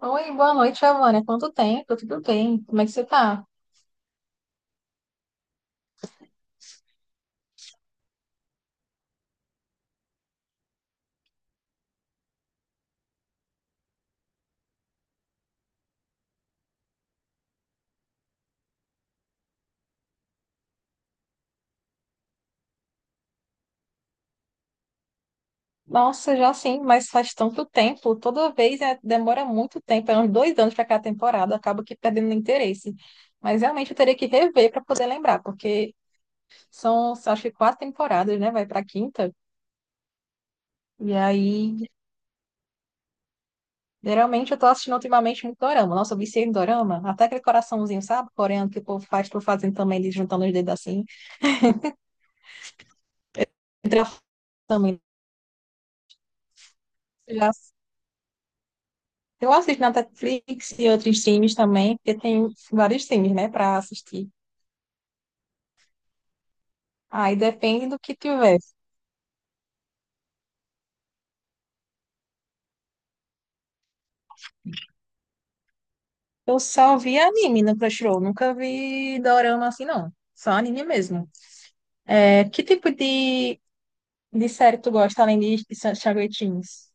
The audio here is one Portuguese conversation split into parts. Oi, boa noite, Giovana. Quanto tempo? Tudo bem? Como é que você tá? Nossa, já sim, mas faz tanto tempo. Toda vez demora muito tempo, é uns 2 anos para cada temporada, acaba que perdendo interesse. Mas realmente eu teria que rever para poder lembrar, porque são, acho que quatro temporadas, né? Vai para quinta. E aí, geralmente eu tô assistindo ultimamente muito dorama. Nossa, eu viciei em dorama. Até aquele coraçãozinho, sabe? Coreano que o povo faz, tô fazendo também, eles juntando os dedos assim. Entra também. Já Eu assisto na Netflix e outros times também, porque tem vários times, né, pra assistir. Aí depende do que tiver. Eu só vi anime no Crunchyroll, nunca vi dorama assim, não. Só anime mesmo. É, que tipo de série tu gosta, além de Shaggy Teens?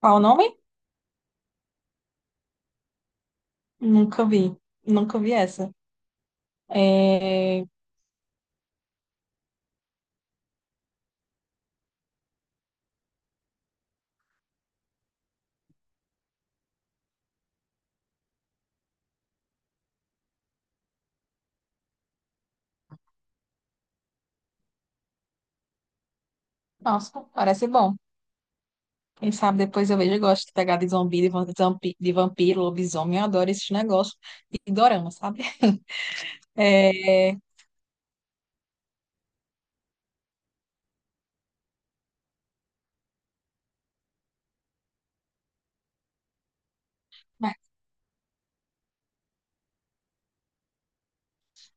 Qual o nome? Nunca vi. Nunca vi essa. É... Nossa, parece bom. Quem sabe depois eu vejo, eu gosto de pegar de zumbi, de vampiro, lobisomem, eu adoro esses negócios de dorama, sabe? É...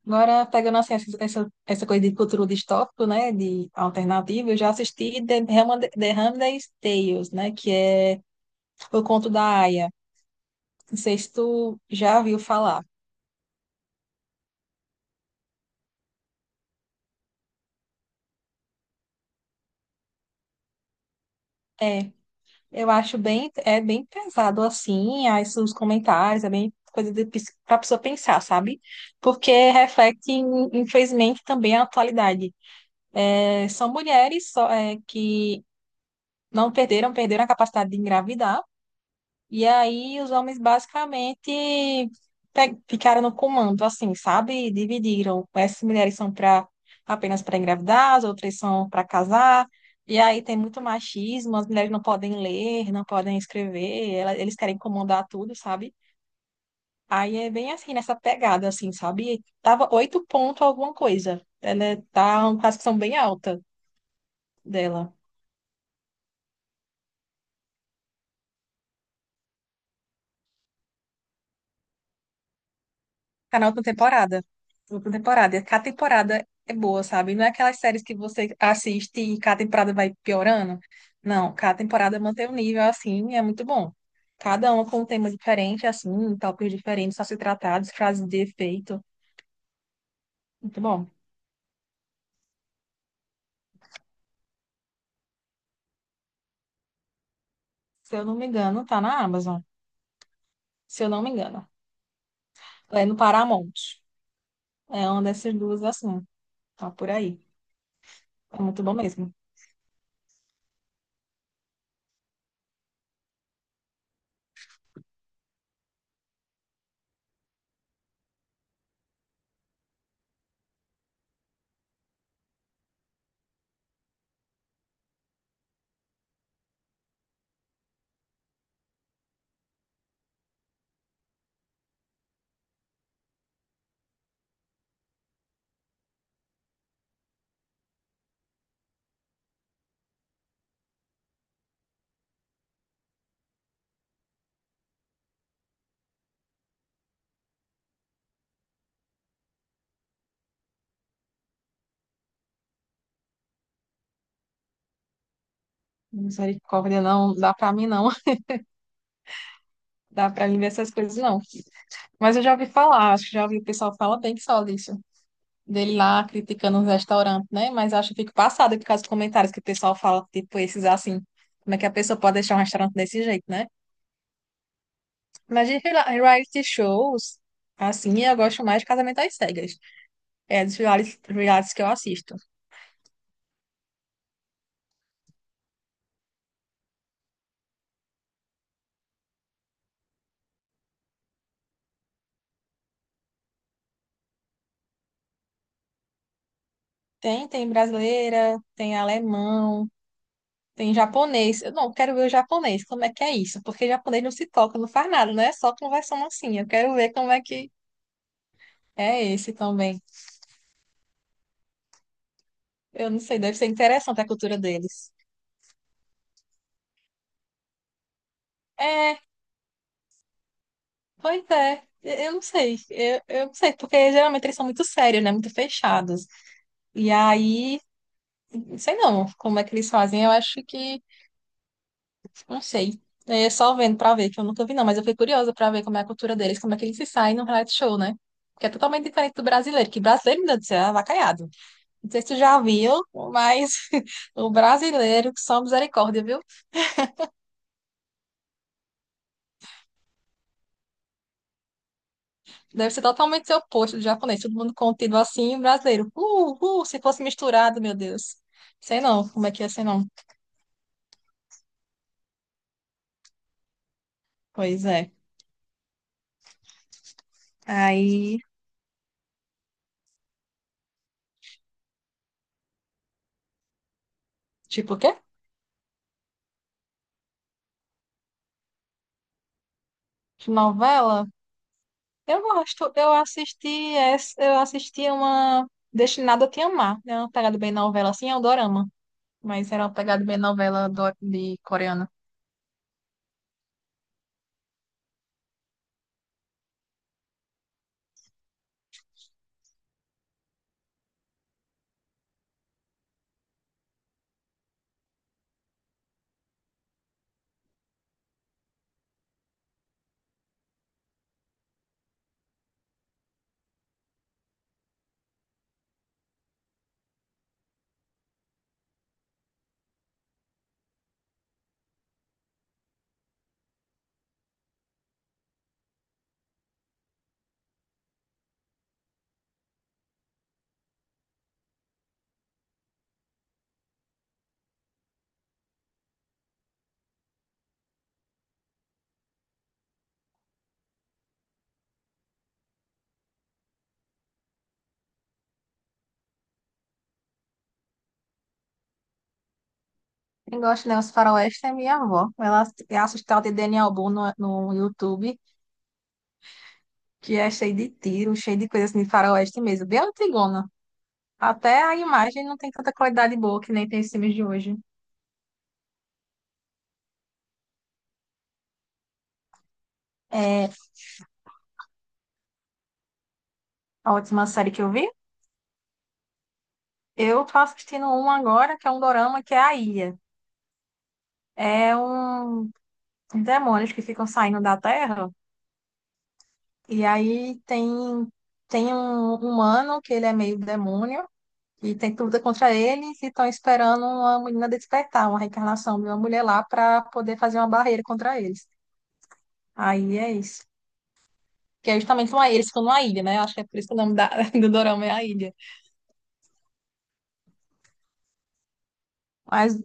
Agora, pegando assim, essa, essa coisa de futuro distópico, né, de alternativa, eu já assisti The Handmaid's Tales, né, que é o conto da Aya. Não sei se tu já ouviu falar. É, eu acho bem, é bem pesado assim, aí os comentários, é bem coisa de, pra pessoa pensar, sabe? Porque reflete, infelizmente, também a atualidade. É, são mulheres só, é, que não perderam, perderam a capacidade de engravidar. E aí os homens basicamente ficaram no comando, assim, sabe? Dividiram. Essas mulheres são para apenas para engravidar, as outras são para casar. E aí tem muito machismo, as mulheres não podem ler, não podem escrever, eles querem comandar tudo, sabe? Aí é bem assim, nessa pegada, assim, sabe? Tava oito pontos alguma coisa. Ela é, tá uma classificação bem alta dela. Tá na última temporada. Última temporada. E cada temporada é boa, sabe? Não é aquelas séries que você assiste e cada temporada vai piorando. Não, cada temporada mantém o nível assim, e é muito bom. Cada uma com um tema diferente, assim, tópicos diferentes a ser tratados, frases de efeito. Muito bom. Se eu não me engano, tá na Amazon. Se eu não me engano. É no Paramount. É uma dessas duas, assim. Tá por aí. É muito bom mesmo. Misericórdia, não dá pra mim, não. Dá pra mim ver essas coisas, não. Mas eu já ouvi falar, acho que já ouvi o pessoal falar bem que só disso. Dele lá criticando os restaurantes, né? Mas acho que fico passada por causa dos comentários que o pessoal fala, tipo, esses assim. Como é que a pessoa pode deixar um restaurante desse jeito, né? Mas reality shows, assim, eu gosto mais de Casamento às Cegas. É dos realities que eu assisto. Tem, brasileira, tem alemão, tem japonês. Eu não quero ver o japonês, como é que é isso? Porque japonês não se toca, não faz nada, não é só conversando assim. Eu quero ver como é que é esse também. Eu não sei, deve ser interessante a cultura deles. É, pois é. Eu não sei, eu não sei, porque geralmente eles são muito sérios, né? Muito fechados. E aí, não sei não como é que eles fazem, eu acho que, não sei. É só vendo pra ver, que eu nunca vi não, mas eu fiquei curiosa pra ver como é a cultura deles, como é que eles se saem no reality show, né? Que é totalmente diferente do brasileiro, que brasileiro, meu Deus do céu, é avacalhado. Não sei se tu já viu, mas o brasileiro, só misericórdia, viu? Deve ser totalmente seu oposto do japonês, todo mundo contido assim, e o brasileiro. Se fosse misturado, meu Deus. Sei não, como é que ia ser não. Pois é. Aí, tipo o quê? De novela? Eu gosto, eu assisti essa, eu assisti uma Destinada a Te Amar, é uma pegada bem novela, assim, é um dorama, mas era uma pegada bem novela de coreana. Quem gosta de Os Faroeste é minha avó. Ela assiste tal de Daniel Boone no, no YouTube, que é cheio de tiro, cheio de coisa assim de faroeste mesmo, bem antigona. Até a imagem não tem tanta qualidade boa que nem tem os filmes de hoje. É a última série que eu vi. Eu tô assistindo um agora, que é um dorama, que é a Ilha. É um demônios que ficam saindo da Terra. E aí tem, um humano que ele é meio demônio. E tem tudo contra eles e estão esperando uma menina despertar, uma reencarnação de uma mulher lá para poder fazer uma barreira contra eles. Aí é isso. Que é justamente uma ilha, eles ficam numa ilha, né? Acho que é por isso que o nome do dorama é a ilha. Mas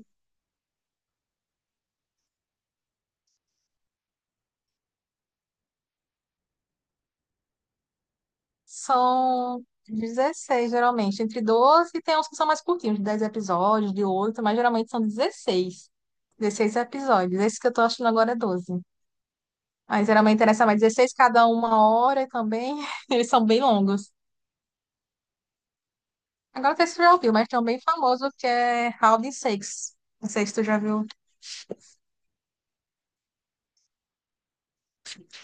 são 16 geralmente, entre 12 e tem uns que são mais curtinhos, de 10 episódios, de oito, mas geralmente são 16 episódios. Esse que eu tô achando agora é 12. Aí geralmente interessa mais 16, cada um 1 hora também. Eles são bem longos. Agora que você já ouviu, mas tem um bem famoso que é Round Six. Não sei se tu já viu.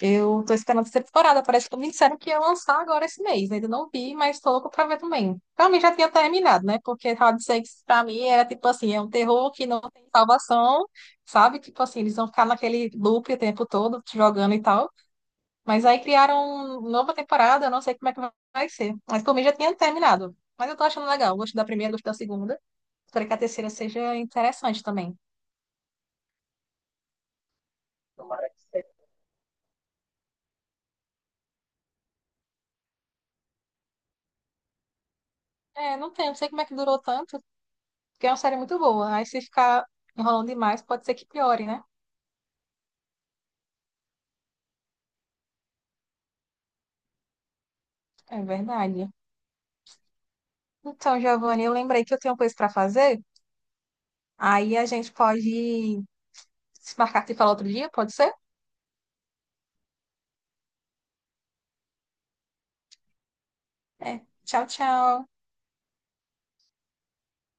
Eu tô esperando essa temporada. Parece que me disseram que ia lançar agora esse mês. Ainda não vi, mas tô louca pra ver também. Pra mim já tinha terminado, né? Porque Round Six pra mim era tipo assim, é um terror que não tem salvação, sabe? Tipo assim, eles vão ficar naquele loop o tempo todo, te jogando e tal. Mas aí criaram uma nova temporada, eu não sei como é que vai ser. Mas por mim já tinha terminado. Mas eu tô achando legal. Gosto da primeira, gosto da segunda. Espero que a terceira seja interessante também. Tomara que seja. É, não tem, não sei como é que durou tanto. Porque é uma série muito boa. Aí se ficar enrolando demais, pode ser que piore, né? É verdade. Então, Giovanni, eu lembrei que eu tenho coisa para fazer. Aí a gente pode se marcar que fala outro dia, pode ser? É. Tchau, tchau.